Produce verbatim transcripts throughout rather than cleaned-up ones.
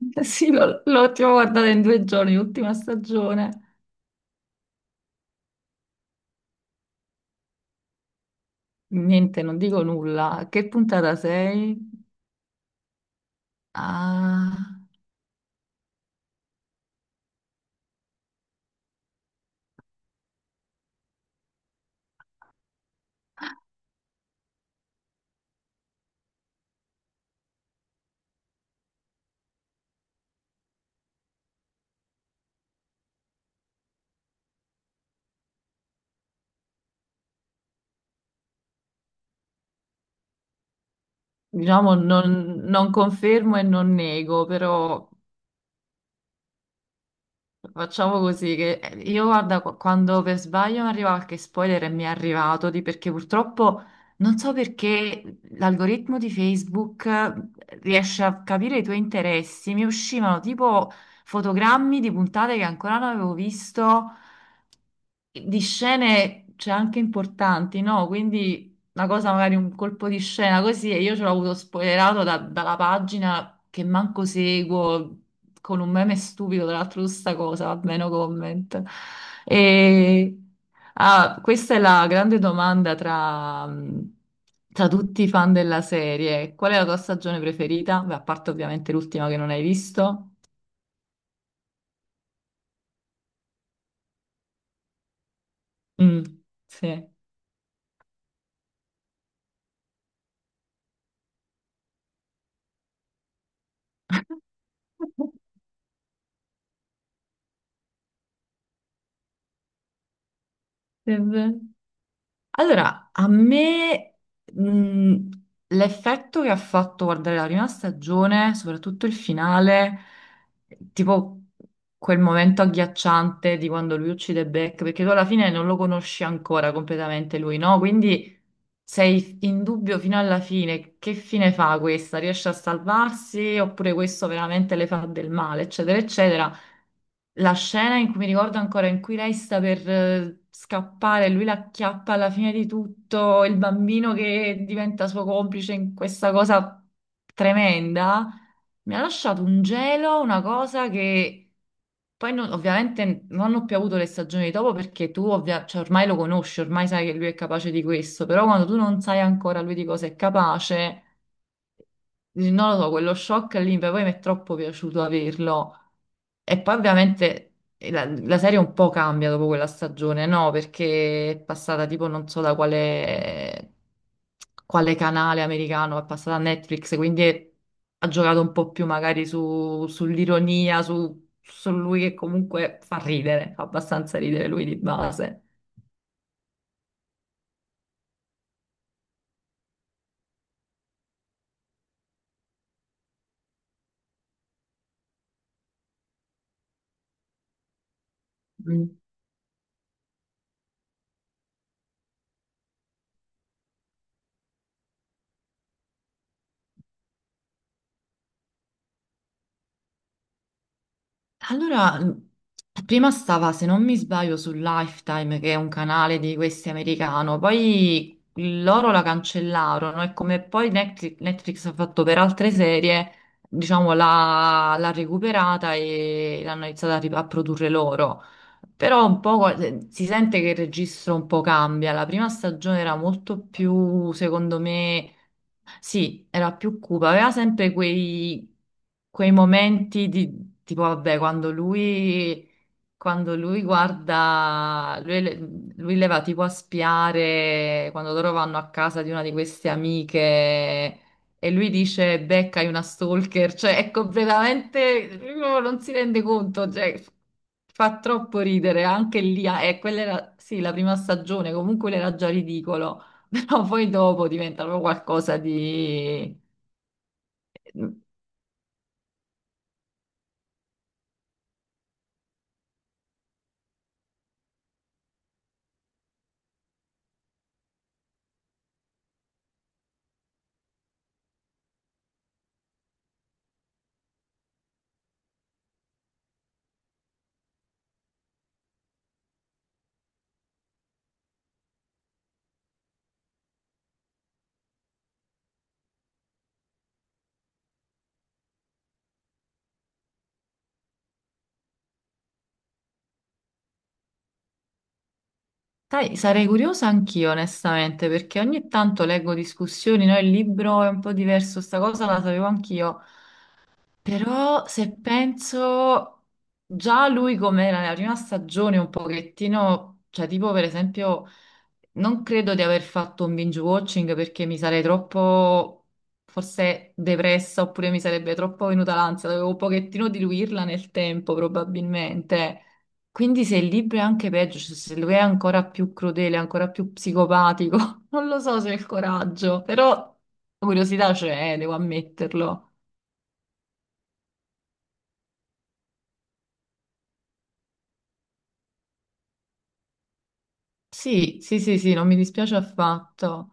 Sì, l'ho l'ho tipo guardata in due giorni, l'ultima stagione. Niente, non dico nulla. A che puntata sei? Ah, diciamo, non, non confermo e non nego, però facciamo così che eh, io guarda, qu- quando per sbaglio mi arriva qualche spoiler e mi è arrivato, di, perché purtroppo non so perché l'algoritmo di Facebook eh, riesce a capire i tuoi interessi. Mi uscivano tipo fotogrammi di puntate che ancora non avevo visto. Di scene c'è anche importanti, no? Quindi una cosa, magari un colpo di scena così, e io ce l'ho avuto spoilerato da- dalla pagina che manco seguo, con un meme stupido, tra l'altro, su sta cosa, vabbè, no comment. E... ah, Questa è la grande domanda tra, tra tutti i fan della serie. Qual è la tua stagione preferita? Beh, a parte ovviamente l'ultima che non hai visto. Mm, sì. È vero. Allora, a me mh, l'effetto che ha fatto guardare la prima stagione, soprattutto il finale, tipo quel momento agghiacciante di quando lui uccide Beck, perché tu alla fine non lo conosci ancora completamente lui, no? Quindi sei in dubbio fino alla fine, che fine fa questa? Riesce a salvarsi oppure questo veramente le fa del male, eccetera, eccetera. La scena in cui mi ricordo ancora in cui lei sta per eh, scappare, lui la acchiappa alla fine di tutto, il bambino che diventa suo complice in questa cosa tremenda, mi ha lasciato un gelo, una cosa che poi non- ovviamente non ho più avuto le stagioni dopo perché tu ovvia- cioè, ormai lo conosci, ormai sai che lui è capace di questo, però quando tu non sai ancora lui di cosa è capace. Dici, non lo so, quello shock lì per poi mi è troppo piaciuto averlo. E poi ovviamente eh, la, la serie un po' cambia dopo quella stagione, no? Perché è passata tipo non so da quale, quale canale americano, è passata a Netflix, quindi è- ha giocato un po' più magari su- sull'ironia, su, su lui che comunque fa ridere, fa abbastanza ridere lui di base. Allora, mh, prima stava, se non mi sbaglio, su Lifetime, che è un canale di questi americano, poi loro la cancellarono e come poi Netflix, Netflix ha fatto per altre serie, diciamo, l'ha l'ha recuperata e l'hanno iniziata a, rip- a produrre loro. Però un po' eh, si sente che il registro un po' cambia. La prima stagione era molto più, secondo me sì, era più cupa, aveva sempre quei, quei momenti di tipo, vabbè, quando lui, quando lui guarda, lui, le- lui le va tipo a spiare quando loro vanno a casa di una di queste amiche e lui dice, Becca, hai una stalker, cioè è completamente, lui proprio non si rende conto, cioè f- fa troppo ridere, anche lì, ah, e quella era, sì, la prima stagione, comunque era già ridicolo però poi dopo diventano qualcosa di. Sai, sarei curiosa anch'io, onestamente, perché ogni tanto leggo discussioni, no? Il libro è un po' diverso, sta cosa la sapevo anch'io. Però se penso già lui com'era nella prima stagione un pochettino, cioè tipo per esempio non credo di aver fatto un binge watching perché mi sarei troppo forse depressa oppure mi sarebbe troppo venuta l'ansia, dovevo un pochettino diluirla nel tempo probabilmente. Quindi se il libro è anche peggio, cioè se lui è ancora più crudele, ancora più psicopatico, non lo so se ho il coraggio, però curiosità c'è, eh, devo ammetterlo. Sì, sì, sì, sì, non mi dispiace affatto.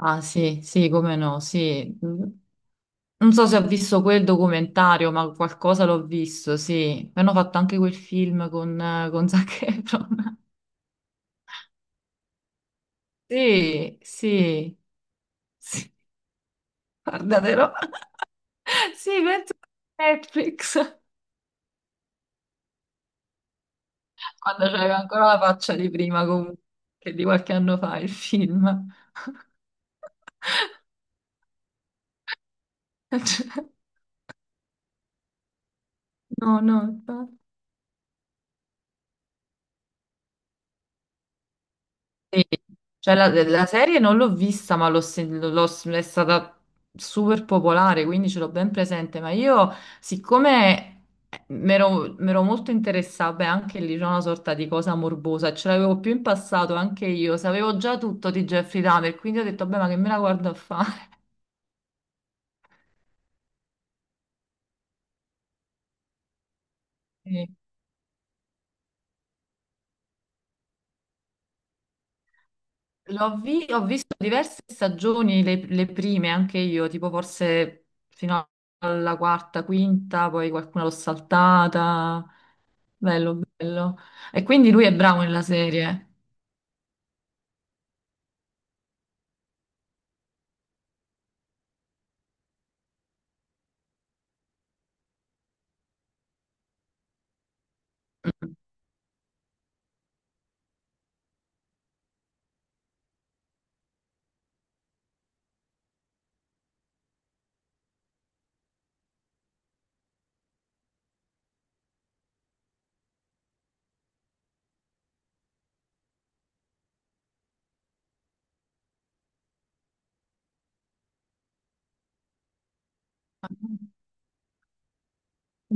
Ah, sì, sì, come no, sì. Mm. Non so se ho visto quel documentario, ma qualcosa l'ho visto, sì. Hanno fatto anche quel film con, eh, con Zac Efron. Sì, sì, sì, guardatelo. Sì, penso a Netflix, quando c'aveva ancora la faccia di prima, comunque, che di qualche anno fa il film. No, no, infatti. Sì, cioè la, la serie non l'ho vista, ma l'ho sen- l'ho- è stata super popolare, quindi ce l'ho ben presente. Ma io, siccome mi ero molto interessata, beh, anche lì c'è una sorta di cosa morbosa, ce l'avevo più in passato anche io, sapevo già tutto di Jeffrey Dahmer, quindi ho detto, beh, ma che me la guardo a fare? Sì. L'ho vi- ho visto diverse stagioni, le, le prime anche io, tipo forse fino alla quarta, quinta, poi qualcuna l'ho saltata. Bello, bello. E quindi lui è bravo nella serie. Mm.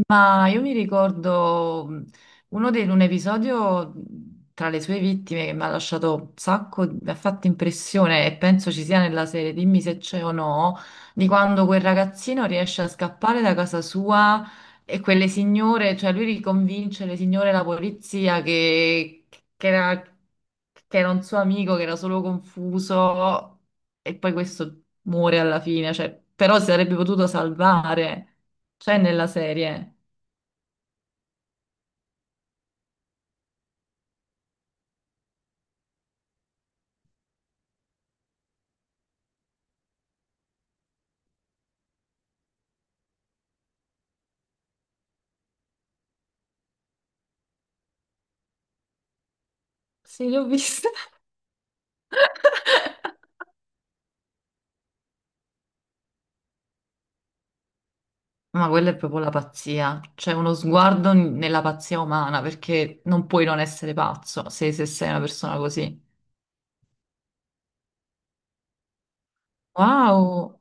Ma io mi ricordo mh, uno dei, un episodio mh, tra le sue vittime che mi ha lasciato un sacco, mi ha fatto impressione e penso ci sia nella serie, dimmi se c'è o no, di quando quel ragazzino riesce a scappare da casa sua e quelle signore, cioè lui riconvince le signore e la polizia che, che era, che era un suo amico, che era solo confuso e poi questo muore alla fine, cioè, però si sarebbe potuto salvare, c'è nella serie. Sì, li ho viste. Ma quella è proprio la pazzia, c'è uno sguardo n- nella pazzia umana, perché non puoi non essere pazzo se, se sei una persona così. Wow!